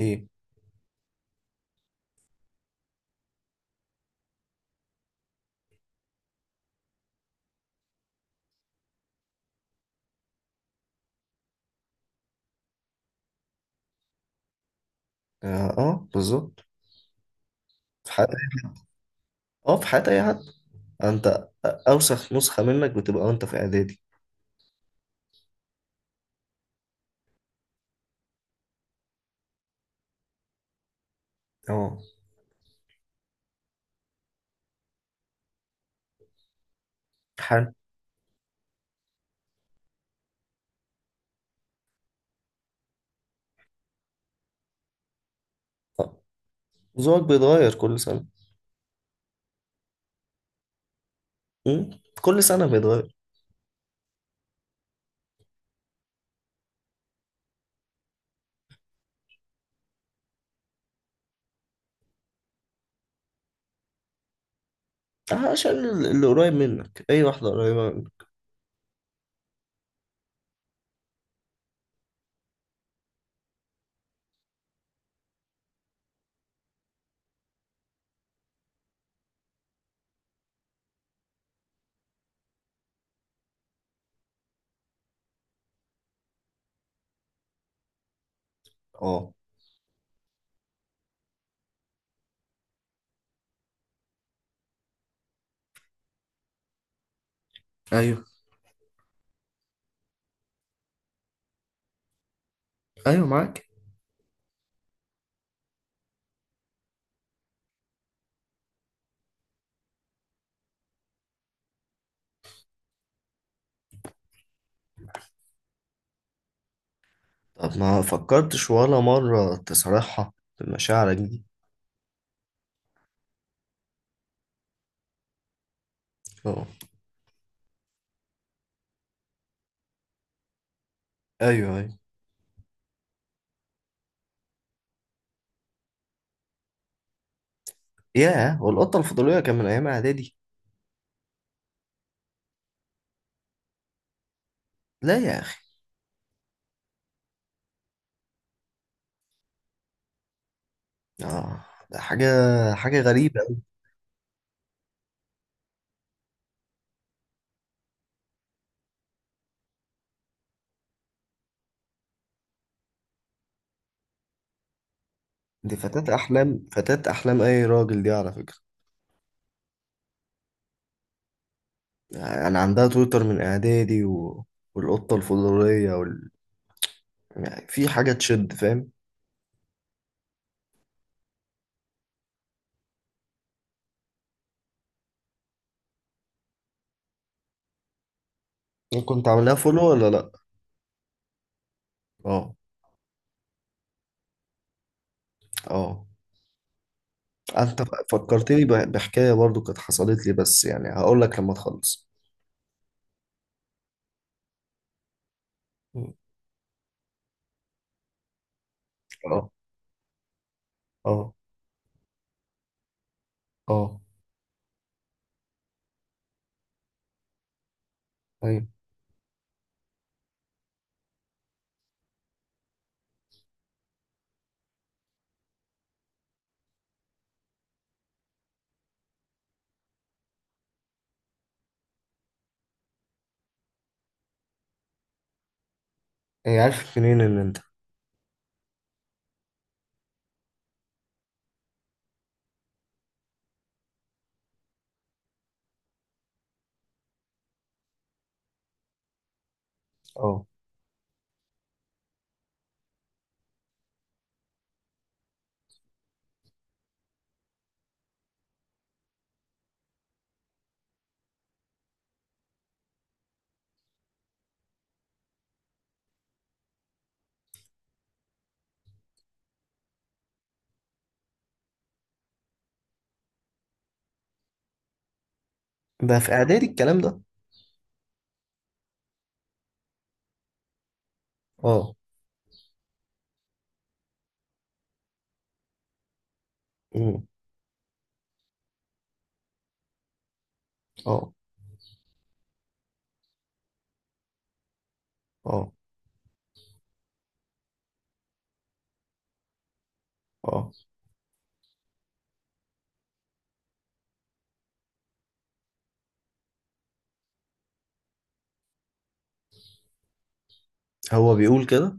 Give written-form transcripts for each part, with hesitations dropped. ايه. اه، آه، بالظبط. في حياة اه في حياة اي حد. انت اوسخ نسخة منك بتبقى وانت في اعدادي. اه. حال. آه، ذوقك بيتغير كل سنة. مم؟ كل سنة بيتغير. عشان اللي قريب منك، اي واحدة قريبة منك. اه، ايوه، ايوه، معاك. طب ما فكرتش ولا مرة تصارحها بمشاعرك دي؟ اه، ايوه، ايوه. ياه، والقطة الفضولية كان من ايام اعدادي؟ لا يا اخي. اه. ده حاجة غريبة. دي فتاة أحلام، فتاة أحلام أي راجل دي على فكرة. يعني عندها تويتر من إعدادي والقطة الفضولية يعني في حاجة تشد، فاهم. يعني كنت عاملها فولو ولا لأ؟ اه، اه. أنت فكرتني بحكاية برضو كانت حصلت لي، بس يعني هقول لك لما تخلص. م. اه، اه، اه. أيوة. هي عارف منين إن أنت؟ اه. ده في إعدادي الكلام ده. اه. م. اه، اه، اه. هو بيقول كده؟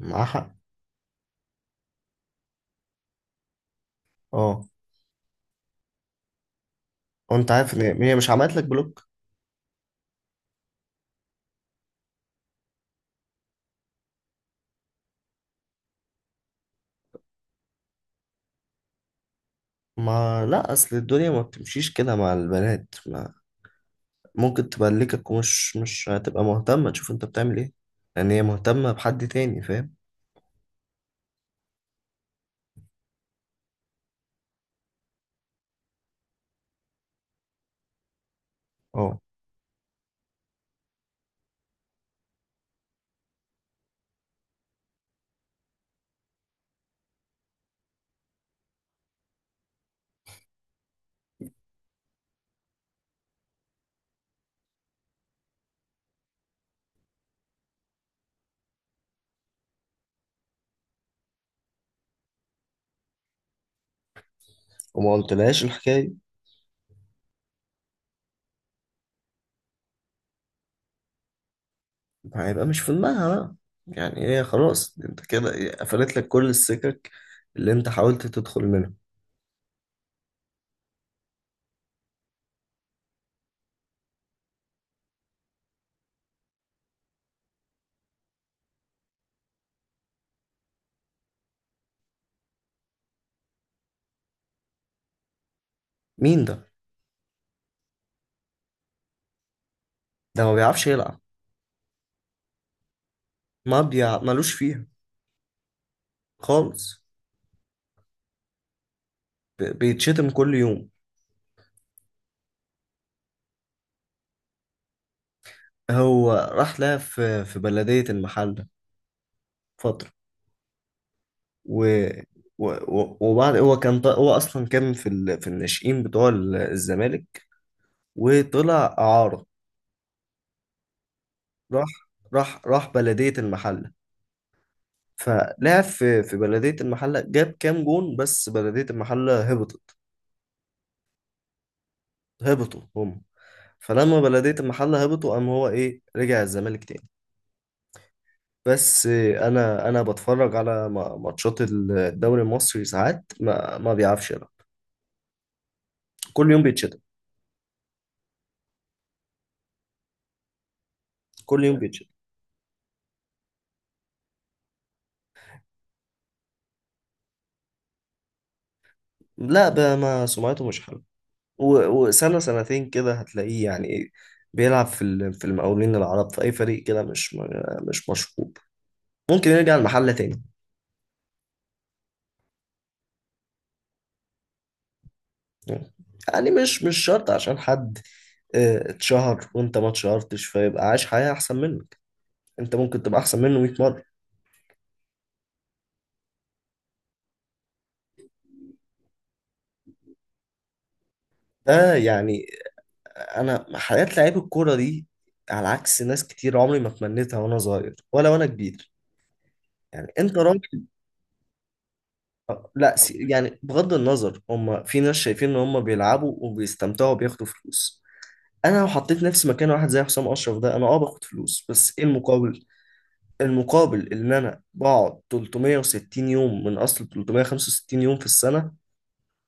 معاه حق. اه. وانت عارف ان هي مش عملت لك بلوك؟ ما لا، اصل الدنيا ما بتمشيش كده مع البنات، ما ممكن تبلكك، ومش مش هتبقى مهتمة تشوف انت بتعمل ايه، لان هي مهتمة بحد تاني، فاهم. اه. وما قلتلهاش الحكاية دي؟ هيبقى مش في دماغها بقى. يعني هي خلاص انت كده ايه، قفلت لك كل السكك اللي انت حاولت تدخل منها. مين ده؟ ده ما بيعرفش يلعب. ما بيع... ملوش فيها خالص. بيتشتم كل يوم. هو راح لها في بلدية المحل فترة. و و- و- وبعد هو كان هو اصلا كان في الناشئين بتوع الزمالك، وطلع اعاره. راح راح بلديه المحله، فلعب في بلديه المحله، جاب كام جون، بس بلديه المحله هبطت، هبطوا هم. فلما بلديه المحله هبطوا قام هو ايه، رجع الزمالك تاني. بس انا بتفرج على ماتشات الدوري المصري، ساعات ما بيعرفش يلعب، كل يوم بيتشتم، كل يوم بيتشتم. لا بقى، ما سمعته مش حلوه. وسنة سنتين كده هتلاقيه يعني ايه، بيلعب في المقاولين العرب، في أي فريق كده مش مش مشهور، ممكن يرجع المحلة تاني. يعني مش شرط عشان حد اه، اتشهر وانت ما اتشهرتش فيبقى عايش حياة أحسن منك. انت ممكن تبقى أحسن منه 100 مرة. ده يعني، أنا حياة لعيب الكورة دي، على عكس ناس كتير، عمري ما تمنيتها وأنا صغير ولا وأنا كبير. يعني انت راجل. لا، يعني بغض النظر، هم في ناس شايفين ان هم بيلعبوا وبيستمتعوا وبياخدوا فلوس. انا لو حطيت نفسي مكان واحد زي حسام اشرف ده، انا باخد فلوس، بس ايه المقابل؟ المقابل ان انا بقعد 360 يوم من اصل 365 يوم في السنة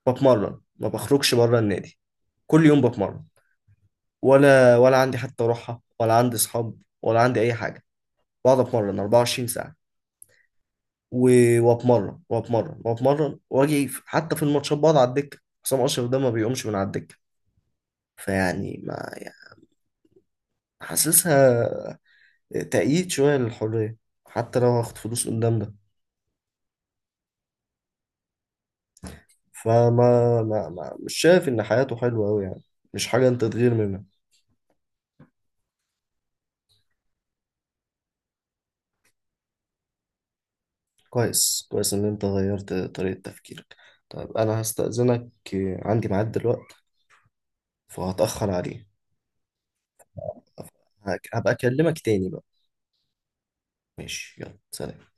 بتمرن، ما بخرجش بره النادي، كل يوم بتمرن، ولا عندي حتى روحة، ولا عندي اصحاب، ولا عندي اي حاجة. بقعد اتمرن 24 ساعة، واتمرن واتمرن واتمرن، واجي حتى في الماتشات بقعد على الدكه. حسام اشرف ده ما بيقومش من على الدكه. فيعني ما يعني حاسسها تأييد شويه للحريه، حتى لو هاخد فلوس قدام ده. فما ما ما مش شايف ان حياته حلوه قوي يعني، مش حاجه انت تغير منها. كويس، كويس ان انت غيرت طريقه تفكيرك. طيب انا هستأذنك، عندي ميعاد دلوقتي فهتأخر عليه. هبقى اكلمك تاني بقى. ماشي، يلا سلام.